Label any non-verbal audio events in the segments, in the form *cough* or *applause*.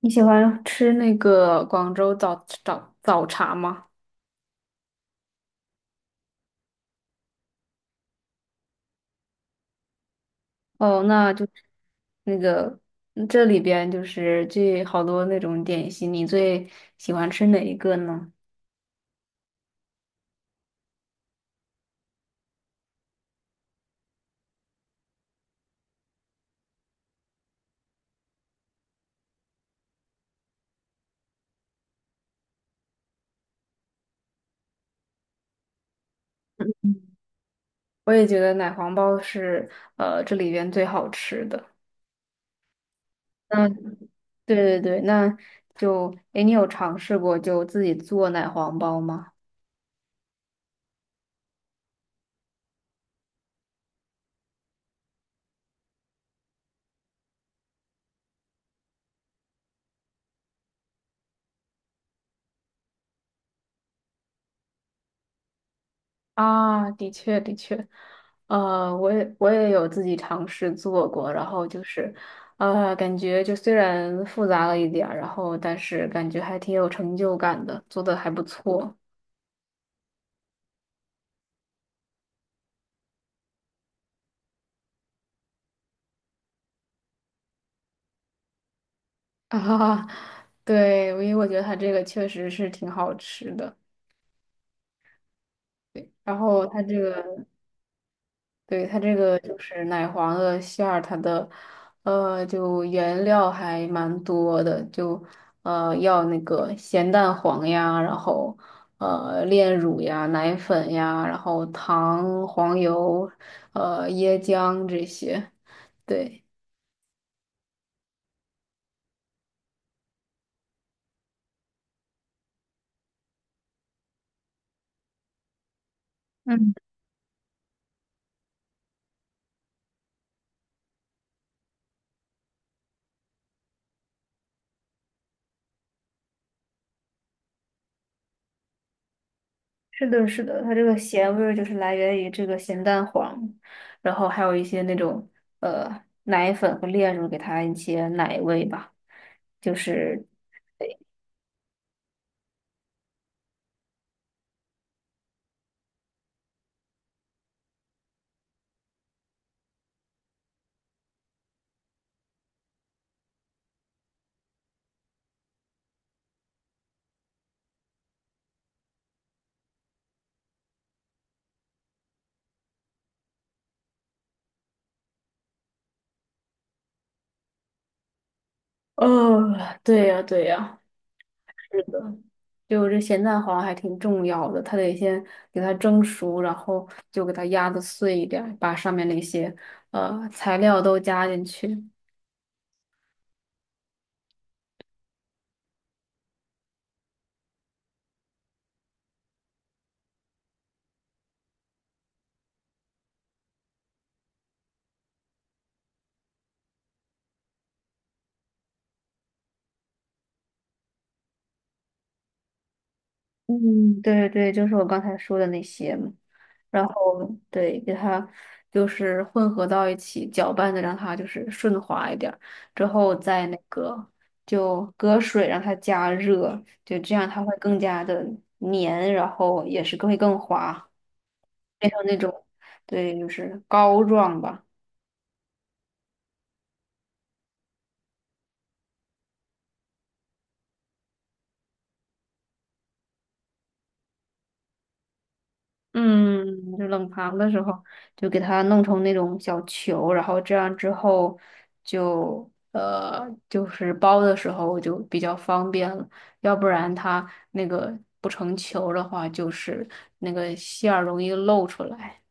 你喜欢吃那个广州早茶吗？哦，那就那个这里边就是这好多那种点心，你最喜欢吃哪一个呢？嗯，我也觉得奶黄包是这里边最好吃的。嗯，对对对，那就，诶，你有尝试过就自己做奶黄包吗？啊，的确的确，我也有自己尝试做过，然后就是，感觉就虽然复杂了一点儿，然后但是感觉还挺有成就感的，做的还不错啊。对，因为我觉得它这个确实是挺好吃的，然后它这个对，它这个就是奶黄的馅儿，它的就原料还蛮多的，就要那个咸蛋黄呀，然后炼乳呀、奶粉呀，然后糖、黄油、椰浆这些。对，嗯，是的，是的，它这个咸味儿就是来源于这个咸蛋黄，然后还有一些那种奶粉和炼乳给它一些奶味吧，就是哦，对呀，对呀，是的，就这咸蛋黄还挺重要的，它得先给它蒸熟，然后就给它压的碎一点儿，把上面那些材料都加进去。嗯，对对，就是我刚才说的那些嘛。然后对，给它就是混合到一起，搅拌的让它就是顺滑一点儿，之后再那个就隔水让它加热，就这样它会更加的黏，然后也是更会更滑。那种。对，就是膏状吧。嗯，就冷藏的时候就给它弄成那种小球，然后这样之后就就是包的时候就比较方便了，要不然它那个不成球的话，就是那个馅儿容易漏出来。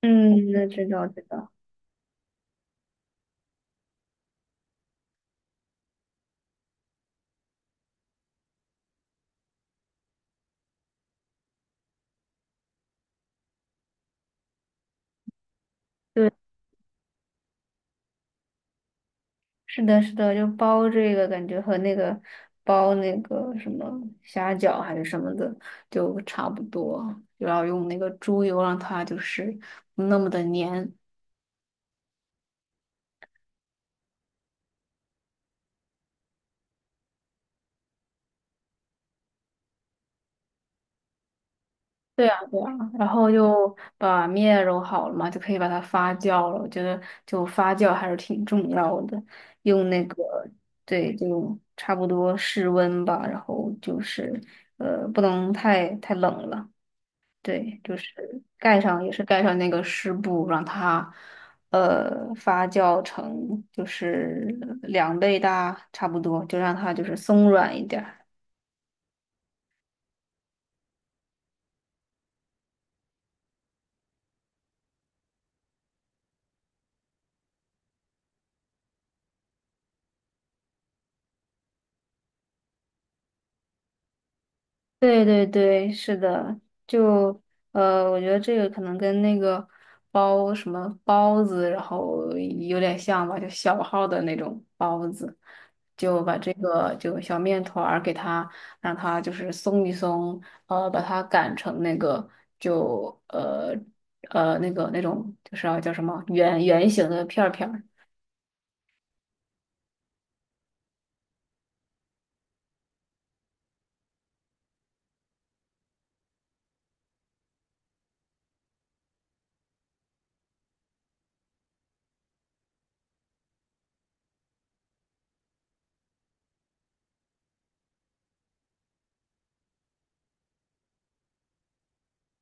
嗯，那知道知道。对。是的，是的，就包这个感觉和那个包那个什么虾饺还是什么的就差不多，就要用那个猪油让它就是不那么的粘。对啊，对啊，然后就把面揉好了嘛，就可以把它发酵了。我觉得就发酵还是挺重要的，用那个对，就差不多室温吧，然后就是不能太冷了。对，就是盖上也是盖上那个湿布，让它发酵成就是2倍大差不多，就让它就是松软一点儿。对对对，是的，就我觉得这个可能跟那个包什么包子，然后有点像吧，就小号的那种包子，就把这个就小面团儿给它，让它就是松一松，把它擀成那个就那个那种就是要叫什么圆圆形的片儿。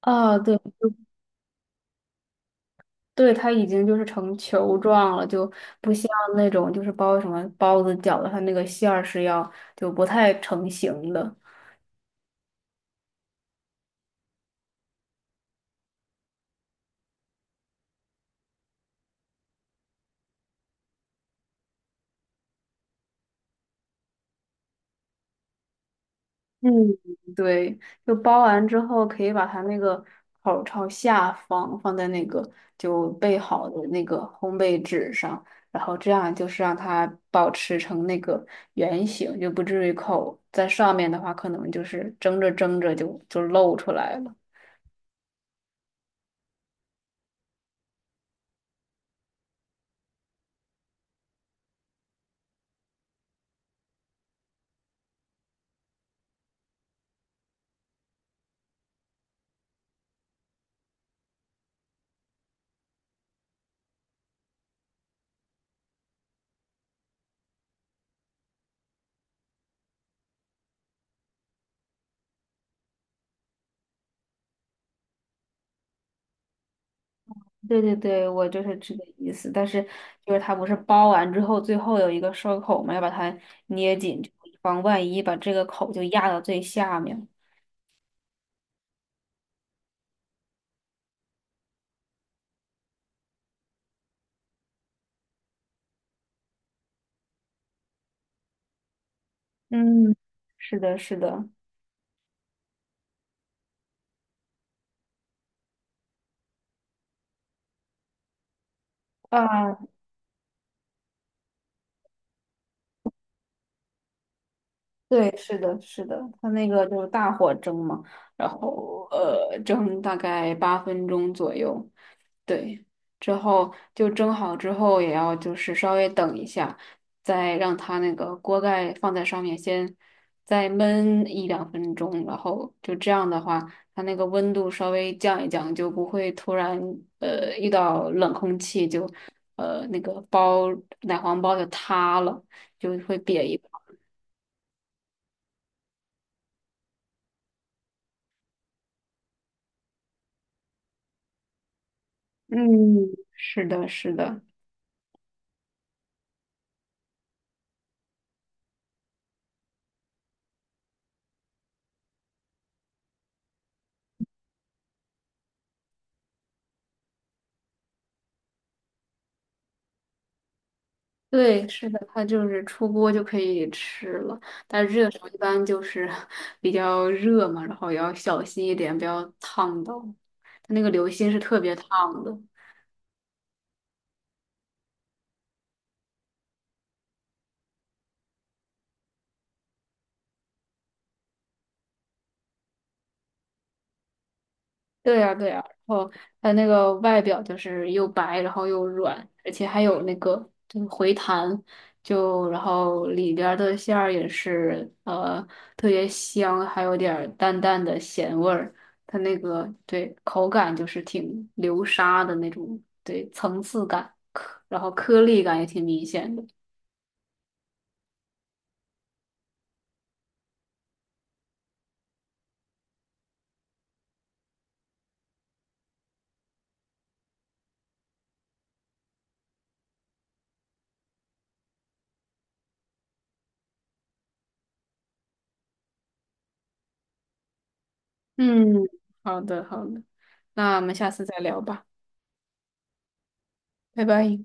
啊，对。对，它已经就是成球状了，就不像那种就是包什么包子、饺子，它那个馅儿是要就不太成型的。嗯，对，就包完之后，可以把它那个口儿朝下方放在那个就备好的那个烘焙纸上，然后这样就是让它保持成那个圆形，就不至于口在上面的话，可能就是蒸着蒸着就露出来了。对对对，我就是这个意思。但是就是它不是包完之后，最后有一个收口嘛，要把它捏紧，就以防万一，把这个口就压到最下面。嗯，是的，是的，啊，对，是的，是的，它那个就是大火蒸嘛，然后蒸大概8分钟左右。对，之后就蒸好之后，也要就是稍微等一下，再让它那个锅盖放在上面先再焖1到2分钟，然后就这样的话，它那个温度稍微降一降，就不会突然遇到冷空气就呃那个包奶黄包就塌了，就会瘪一包。嗯，是的，是的。对，是的，它就是出锅就可以吃了，但是热的时候一般就是 *laughs* 比较热嘛，然后也要小心一点，不要烫到。它那个流心是特别烫的。对呀，对呀，然后它那个外表就是又白，然后又软，而且还有那个就是回弹，就然后里边儿的馅儿也是特别香，还有点儿淡淡的咸味儿。它那个对口感就是挺流沙的那种，对层次感，然后颗粒感也挺明显的。嗯，好的，好的，那我们下次再聊吧，拜拜。